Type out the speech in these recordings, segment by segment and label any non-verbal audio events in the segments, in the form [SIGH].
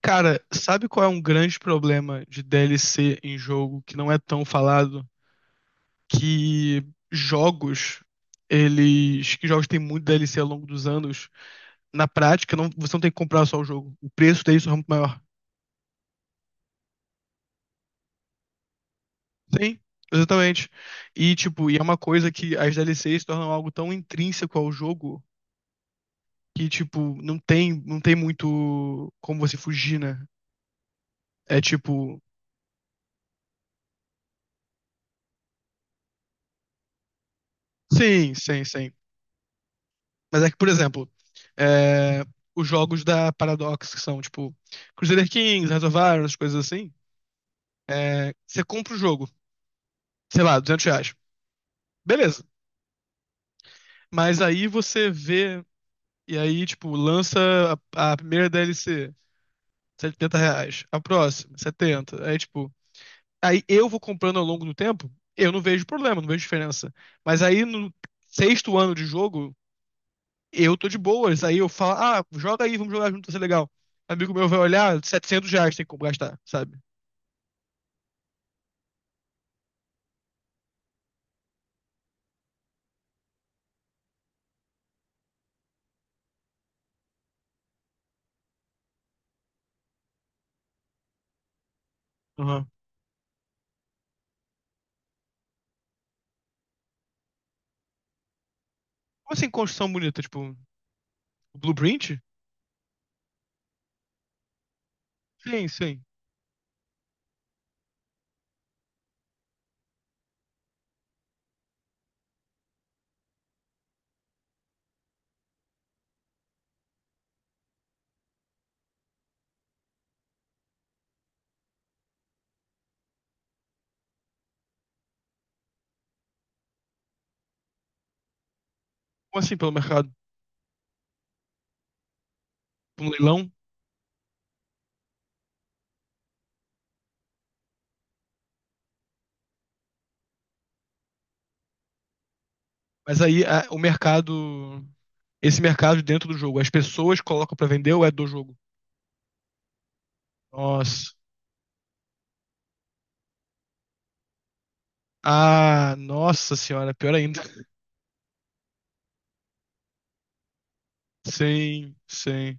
Cara, sabe qual é um grande problema de DLC em jogo que não é tão falado? Que jogos, que jogos têm muito DLC ao longo dos anos, na prática não, você não tem que comprar só o jogo. O preço dele é muito maior. Sim, exatamente. E é uma coisa que as DLCs se tornam algo tão intrínseco ao jogo que tipo, não tem muito como você fugir, né? É tipo, sim, sim, sim. Mas é que, por exemplo, é, os jogos da Paradox, que são tipo Crusader Kings, Hearts of Iron, essas coisas assim, você compra o jogo, sei lá, R$ 200. Beleza. Mas aí você vê, e aí, tipo, lança a primeira DLC, R$ 70. A próxima, 70. Aí, tipo, aí eu vou comprando ao longo do tempo, eu não vejo problema, não vejo diferença. Mas aí no sexto ano de jogo, eu tô de boas. Aí eu falo, ah, joga aí, vamos jogar junto, vai ser legal. Amigo meu vai olhar, setecentos reais tem como gastar, sabe? Aham. Como assim construção bonita? Tipo, Blueprint? Sim, sim. Como assim pelo mercado? Por um leilão? Mas aí a- o mercado. Esse mercado dentro do jogo, as pessoas colocam pra vender ou é do jogo? Nossa. Ah, nossa senhora, pior ainda. Sim, sim.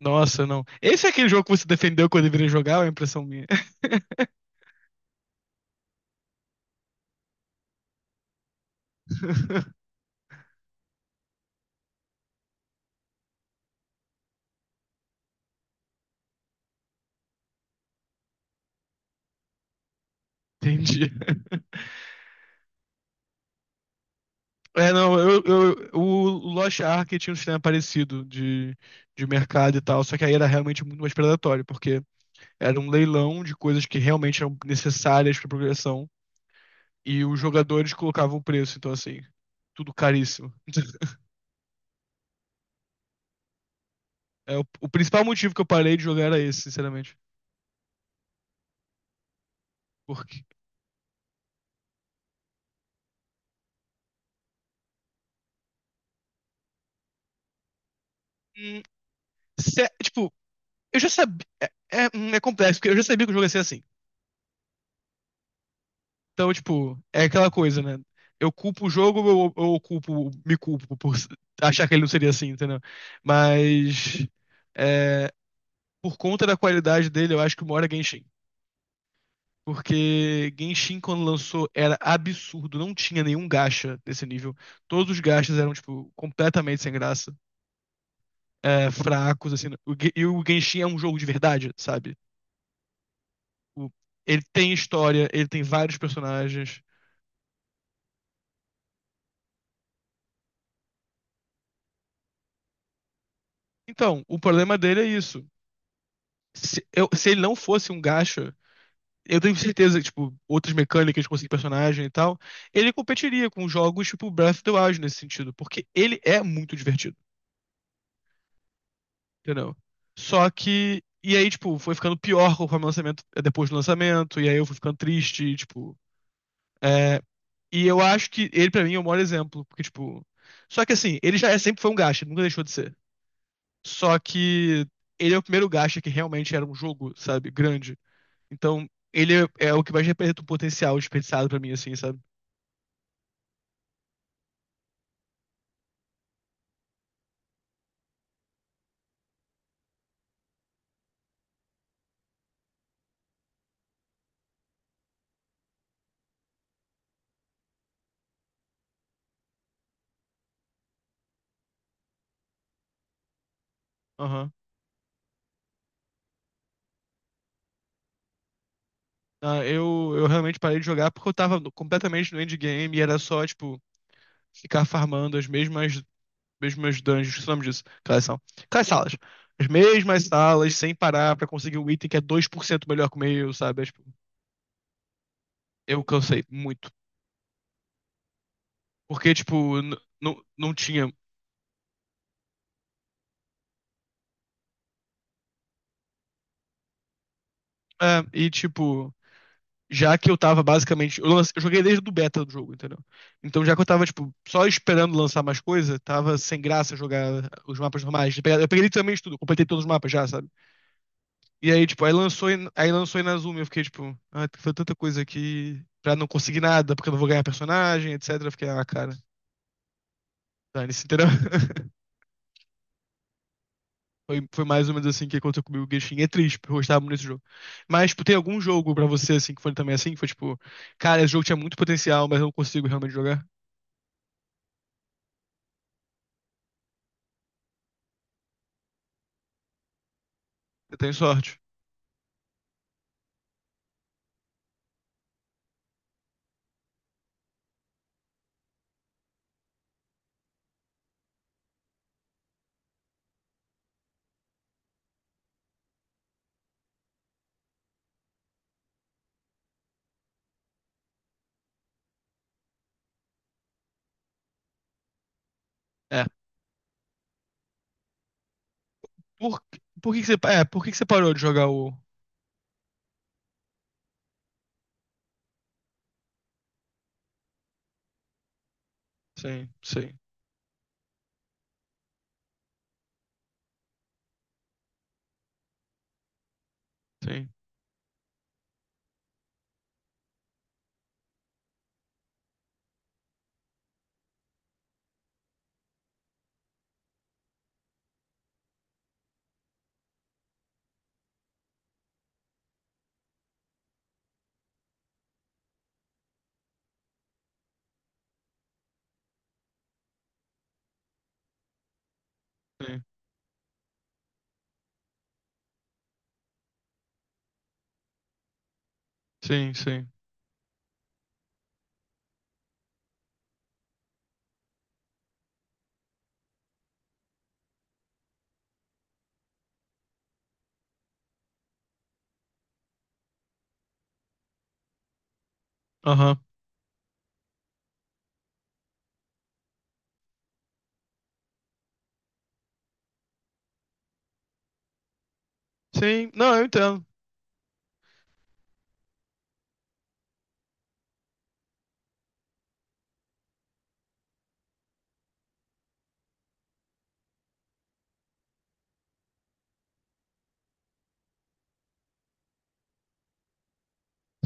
Nossa, não. Esse é aquele jogo que você defendeu quando eu virei jogar, ou é a impressão minha? [LAUGHS] Entendi. É, não, o Lost Ark tinha um sistema parecido de mercado e tal, só que aí era realmente muito mais predatório, porque era um leilão de coisas que realmente eram necessárias para progressão e os jogadores colocavam o preço, então assim, tudo caríssimo. É, o principal motivo que eu parei de jogar era esse, sinceramente. Porque, hum, tipo, eu já sabia. É complexo, porque eu já sabia que o jogo ia ser assim. Então, tipo, é aquela coisa, né? Eu culpo o jogo ou eu me culpo por [LAUGHS] s- achar que ele não seria assim, entendeu? Mas é, por conta da qualidade dele, eu acho que o maior é Genshin. Porque Genshin, quando lançou, era absurdo, não tinha nenhum gacha desse nível. Todos os gachas eram, tipo, completamente sem graça, fracos, assim. E o Genshin é um jogo de verdade, sabe? O- Ele tem história, ele tem vários personagens. Então, o problema dele é isso. Se ele não fosse um gacha, eu tenho certeza que, tipo, outras mecânicas, conseguir personagem e tal, ele competiria com jogos tipo Breath of the Wild nesse sentido, porque ele é muito divertido, entendeu? Só que. E aí, tipo, foi ficando pior conforme o lançamento, depois do lançamento, e aí eu fui ficando triste, e, tipo. é, E eu acho que ele, pra mim, é o maior exemplo, porque, tipo. Só que assim, sempre foi um gacha, nunca deixou de ser. Só que ele é o primeiro gacha que realmente era um jogo, sabe, grande. Então, é o que mais representa o potencial desperdiçado pra mim, assim, sabe? Aham. Ah, eu realmente parei de jogar porque eu tava completamente no endgame e era só, tipo, ficar farmando mesmas dungeons, que nome disso? Aquelas são. Aquelas salas. As mesmas salas, sem parar, pra conseguir um item que é 2% melhor que o meu, sabe? É, tipo, eu cansei muito. Porque, tipo, não tinha. É, tipo. Já que eu tava basicamente. Eu joguei desde o beta do jogo, entendeu? Então, já que eu tava, tipo, só esperando lançar mais coisa, tava sem graça jogar os mapas normais. Eu peguei literalmente tudo, completei todos os mapas já, sabe? E aí, tipo, aí lançou Inazuma. Eu fiquei, tipo, ah, foi tanta coisa aqui pra não conseguir nada, porque eu não vou ganhar personagem, etc. Eu fiquei, ah, cara, dane-se, entendeu? [LAUGHS] Foi mais ou menos assim que aconteceu comigo. O Genshin é triste, porque eu gostava muito desse jogo. Mas, tipo, tem algum jogo pra você, assim, que foi também assim? Que foi, tipo, cara, esse jogo tinha muito potencial, mas eu não consigo realmente jogar? Você tem sorte. É. Por, por que que você, por que que você parou de jogar o. Sim, sim, sim, sim, sim, sim. Aham. Sim, não, eu entendo.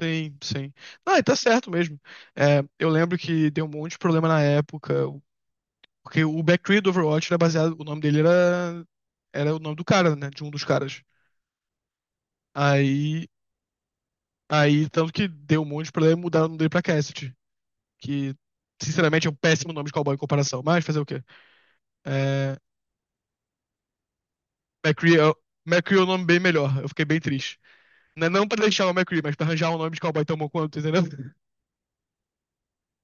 Sim, sim. Não, e tá certo mesmo. É, eu lembro que deu um monte de problema na época, porque o Backtree do Overwatch era baseado. O nome dele era. Era o nome do cara, né? De um dos caras. Aí. Aí, tanto que deu um monte de problema e mudaram o nome dele pra Cassidy. Que, sinceramente, é um péssimo nome de cowboy em comparação, mas fazer o quê? É. McCree é, McCree é um nome bem melhor. Eu fiquei bem triste. Não, é não pra deixar o McCree, mas pra arranjar um nome de cowboy tão bom quanto, entendeu?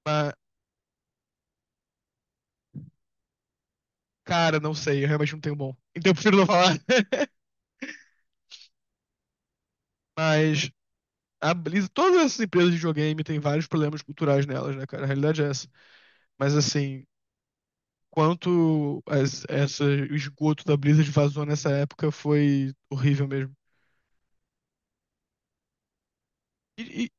Mas, cara, não sei. Eu realmente não tenho bom. Então eu prefiro não falar. [LAUGHS] Mas a Blizzard, todas essas empresas de videogame têm vários problemas culturais nelas, né, cara? A realidade é essa. Mas assim, quanto as, essa, o esgoto da Blizzard vazou nessa época foi horrível mesmo. E-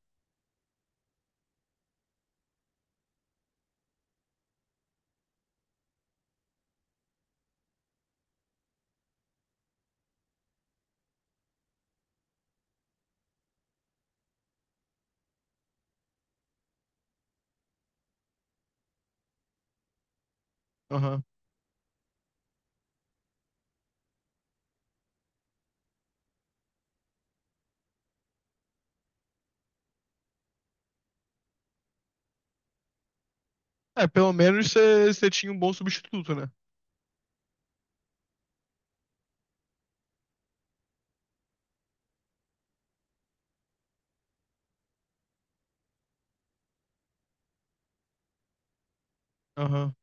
aham. É, pelo menos você tinha um bom substituto, né? Aham,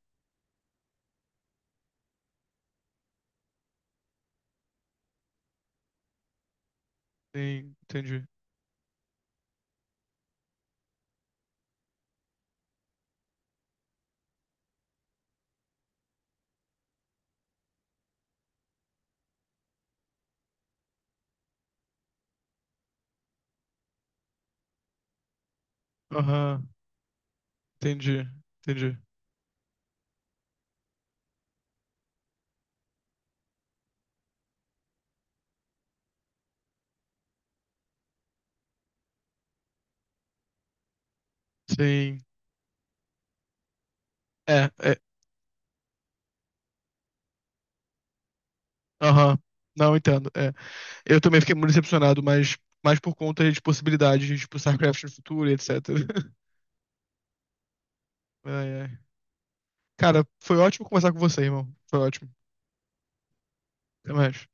sim, entendi. Aham, entendi, entendi. Sim. É, é. Aham. Não, entendo. É. Eu também fiquei muito decepcionado, mas mais por conta de possibilidades de, tipo, StarCraft no futuro e etc. [LAUGHS] Ai, ai. Cara, foi ótimo conversar com você, irmão. Foi ótimo. Até mais.